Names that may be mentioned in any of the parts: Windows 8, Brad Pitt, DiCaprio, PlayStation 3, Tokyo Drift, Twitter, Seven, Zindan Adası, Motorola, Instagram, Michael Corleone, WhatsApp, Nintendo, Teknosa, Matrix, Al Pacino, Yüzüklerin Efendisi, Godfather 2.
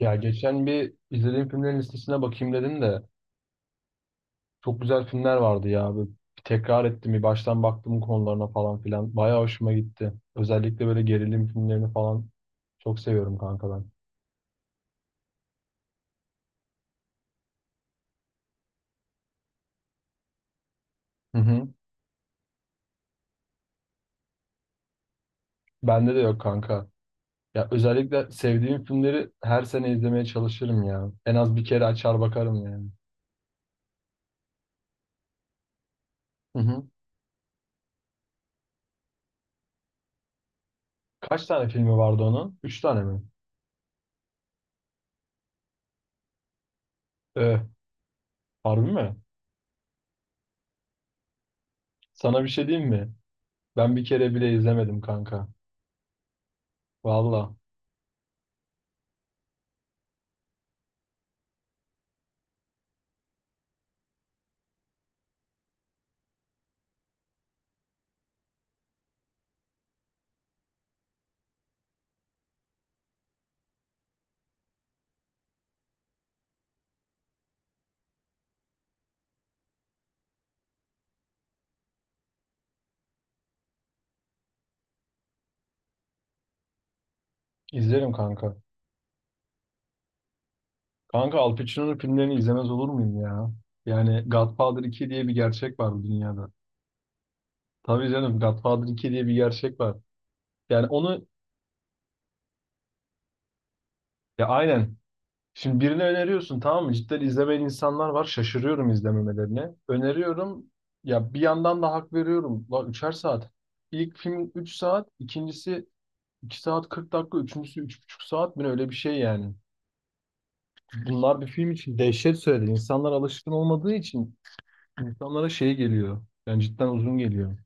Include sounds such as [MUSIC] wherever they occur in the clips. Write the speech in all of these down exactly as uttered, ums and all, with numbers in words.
Ya geçen bir izlediğim filmlerin listesine bakayım dedim de çok güzel filmler vardı ya. Böyle bir tekrar ettim bir baştan baktım konularına falan filan. Bayağı hoşuma gitti. Özellikle böyle gerilim filmlerini falan çok seviyorum kanka ben. Hı hı. Bende de yok kanka. Ya özellikle sevdiğim filmleri her sene izlemeye çalışırım ya. En az bir kere açar bakarım yani. Hı hı. Kaç tane filmi vardı onun? Üç tane mi? Ee, Harbi mi? Sana bir şey diyeyim mi? Ben bir kere bile izlemedim kanka. Valla. İzlerim kanka. Kanka Al Pacino'nun filmlerini izlemez olur muyum ya? Yani Godfather iki diye bir gerçek var bu dünyada. Tabii canım, Godfather iki diye bir gerçek var. Yani onu, ya, aynen. Şimdi birini öneriyorsun, tamam mı? Cidden izlemeyen insanlar var. Şaşırıyorum izlememelerine. Öneriyorum. Ya bir yandan da hak veriyorum. La üçer saat. İlk film üç saat, ikincisi iki saat kırk dakika, üçüncüsü üç buçuk saat mi ne, öyle bir şey yani. Bunlar bir film için dehşet söyledi. İnsanlar alışkın olmadığı için insanlara şey geliyor. Yani cidden uzun geliyor.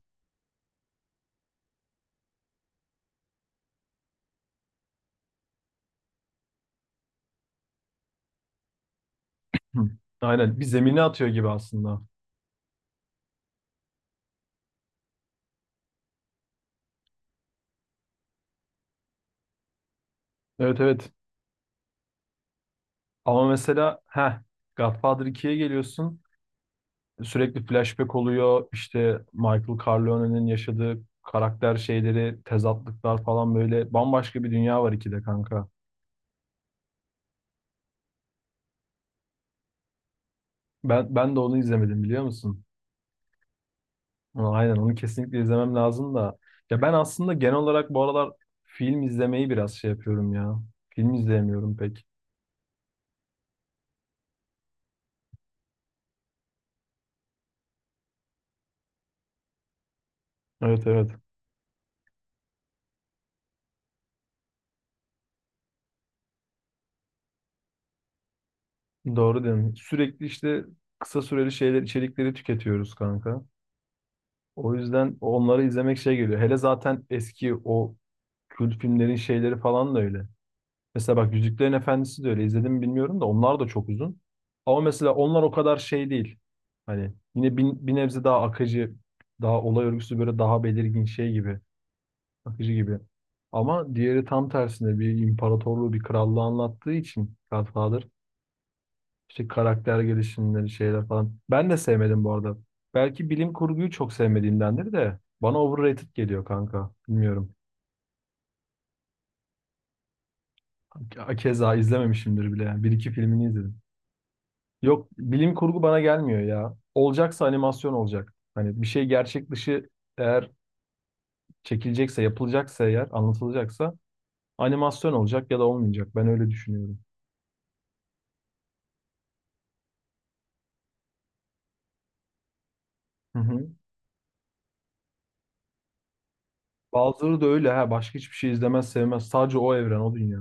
Hı. Aynen, bir zemine atıyor gibi aslında. Evet, evet. Ama mesela heh, Godfather ikiye geliyorsun. Sürekli flashback oluyor. İşte Michael Corleone'nin yaşadığı karakter şeyleri, tezatlıklar falan, böyle bambaşka bir dünya var ikide kanka. Ben ben de onu izlemedim, biliyor musun? Ama aynen, onu kesinlikle izlemem lazım da. Ya ben aslında genel olarak bu aralar film izlemeyi biraz şey yapıyorum ya. Film izleyemiyorum pek. Evet, evet. Doğru diyorum. Sürekli işte kısa süreli şeyler, içerikleri tüketiyoruz kanka. O yüzden onları izlemek şey geliyor. Hele zaten eski o kült filmlerin şeyleri falan da öyle. Mesela bak, Yüzüklerin Efendisi de öyle. İzledim mi bilmiyorum da, onlar da çok uzun. Ama mesela onlar o kadar şey değil. Hani yine bir, bir nebze daha akıcı, daha olay örgüsü böyle daha belirgin şey gibi, akıcı gibi. Ama diğeri tam tersine bir imparatorluğu, bir krallığı anlattığı için Godfather. İşte karakter gelişimleri, şeyler falan. Ben de sevmedim bu arada. Belki bilim kurguyu çok sevmediğimdendir de bana overrated geliyor kanka. Bilmiyorum. Ke- Keza izlememişimdir bile yani. Bir iki filmini izledim. Yok, bilim kurgu bana gelmiyor ya. Olacaksa animasyon olacak. Hani bir şey gerçek dışı eğer çekilecekse, yapılacaksa eğer, anlatılacaksa animasyon olacak ya da olmayacak. Ben öyle düşünüyorum. Hı hı. Bazıları da öyle ha. Başka hiçbir şey izlemez, sevmez. Sadece o evren, o dünya.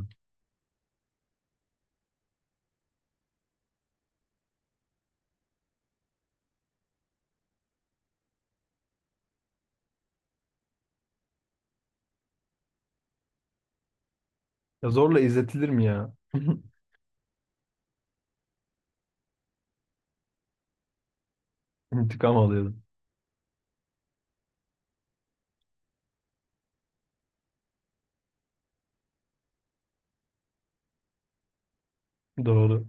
Ya, zorla izletilir mi ya? [LAUGHS] İntikam alıyorum. Doğru.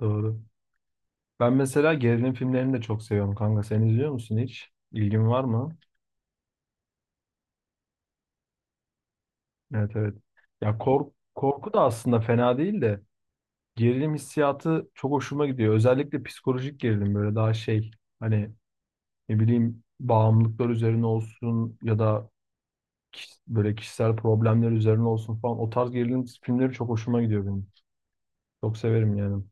Doğru. Ben mesela gerilim filmlerini de çok seviyorum kanka. Sen izliyor musun hiç? İlgin var mı? Evet, evet. Ya kork korku da aslında fena değil de gerilim hissiyatı çok hoşuma gidiyor. Özellikle psikolojik gerilim, böyle daha şey, hani, ne bileyim, bağımlılıklar üzerine olsun ya da kiş- böyle kişisel problemler üzerine olsun falan, o tarz gerilim filmleri çok hoşuma gidiyor benim. Çok severim yani.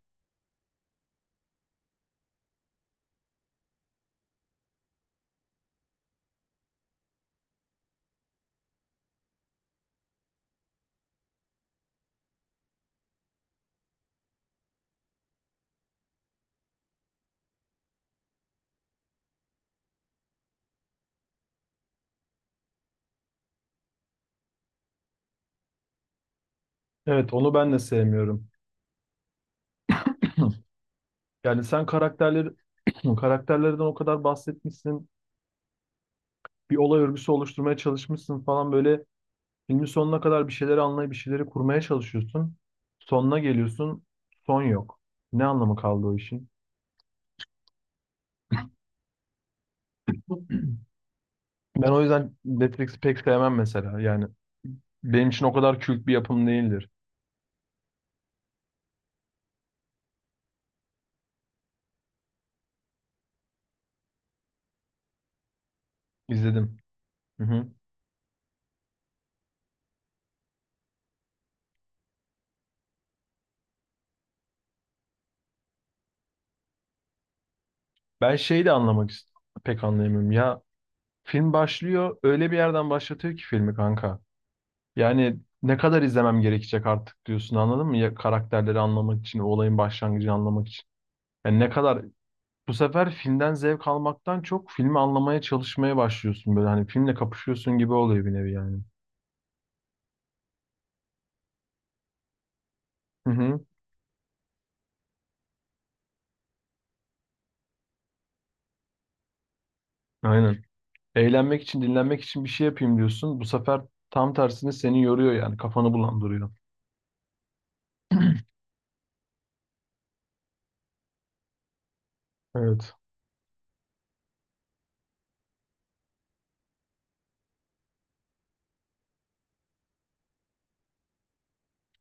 Evet, onu ben de sevmiyorum. [CLEARS THROAT] Yani sen karakterleri [CLEARS THROAT] karakterlerden o kadar bahsetmişsin, bir olay örgüsü oluşturmaya çalışmışsın falan, böyle filmin sonuna kadar bir şeyleri anlayıp bir şeyleri kurmaya çalışıyorsun. Sonuna geliyorsun, son yok. Ne anlamı kaldı o işin? Ben o yüzden Matrix'i pek sevmem mesela. Yani benim için o kadar kült bir yapım değildir. İzledim. Hı hı. Ben şeyi de anlamak ist- pek anlayamıyorum. Ya, film başlıyor, öyle bir yerden başlatıyor ki filmi kanka. Yani ne kadar izlemem gerekecek artık diyorsun, anladın mı? Ya, karakterleri anlamak için, o olayın başlangıcını anlamak için. Yani ne kadar Bu sefer filmden zevk almaktan çok filmi anlamaya çalışmaya başlıyorsun, böyle hani filmle kapışıyorsun gibi oluyor, bir nevi yani. Hı hı. Aynen. Eğlenmek için, dinlenmek için bir şey yapayım diyorsun. Bu sefer tam tersini, seni yoruyor yani, kafanı bulandırıyor. Evet.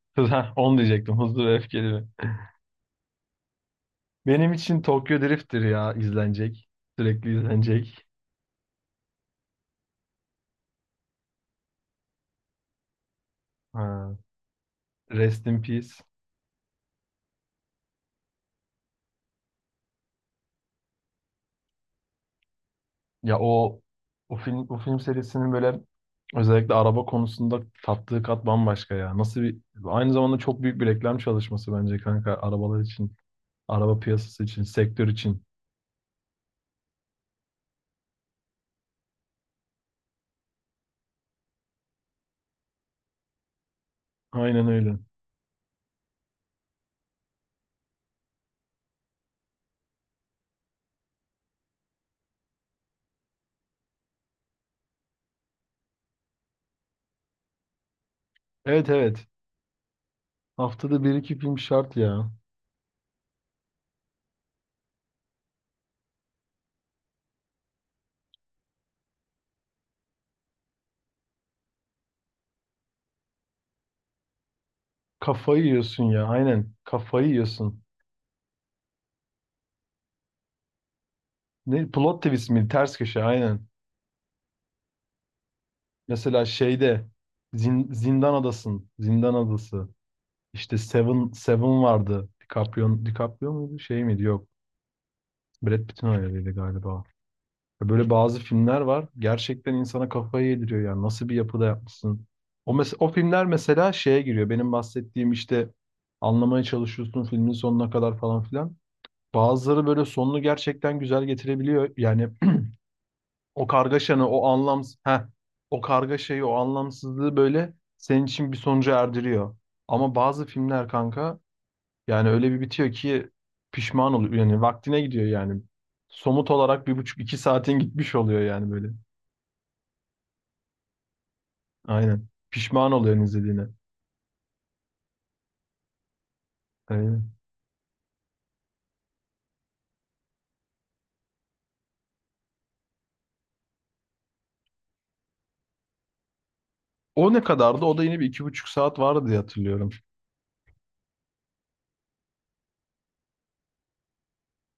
[LAUGHS] Heh, Onu diyecektim, Hızlı ve Öfkeli mi? Benim için Tokyo Drift'tir ya izlenecek. Sürekli izlenecek. Ha. Rest in Peace. Ya o o film o film serisinin, böyle özellikle araba konusunda tattığı kat bambaşka ya. Nasıl bir Aynı zamanda çok büyük bir reklam çalışması bence kanka, arabalar için, araba piyasası için, sektör için. Aynen öyle. Evet, evet. Haftada bir iki film şart ya. Kafayı yiyorsun ya. Aynen. Kafayı yiyorsun. Ne, plot twist mi? Ters köşe, aynen. Mesela şeyde Zin- Zindan Adası'nın Zindan Adası. İşte Seven Seven vardı. DiCaprio, DiCaprio muydu? Şey miydi? Yok. Brad Pitt'in hayaliydi galiba. Böyle bazı filmler var. Gerçekten insana kafayı yediriyor yani. Nasıl bir yapıda yapmışsın? O, mes- o filmler mesela şeye giriyor. Benim bahsettiğim işte, anlamaya çalışıyorsun filmin sonuna kadar falan filan. Bazıları böyle sonunu gerçekten güzel getirebiliyor. Yani, [CLEARS THROAT] o kargaşanı, o anlamsız, heh, o kargaşayı, o anlamsızlığı böyle senin için bir sonuca erdiriyor. Ama bazı filmler kanka, yani öyle bir bitiyor ki pişman oluyor. Yani vaktine gidiyor yani. Somut olarak bir buçuk iki saatin gitmiş oluyor yani, böyle. Aynen. Pişman oluyorsun izlediğine. Aynen. O ne kadardı? O da yine bir iki buçuk saat vardı diye hatırlıyorum.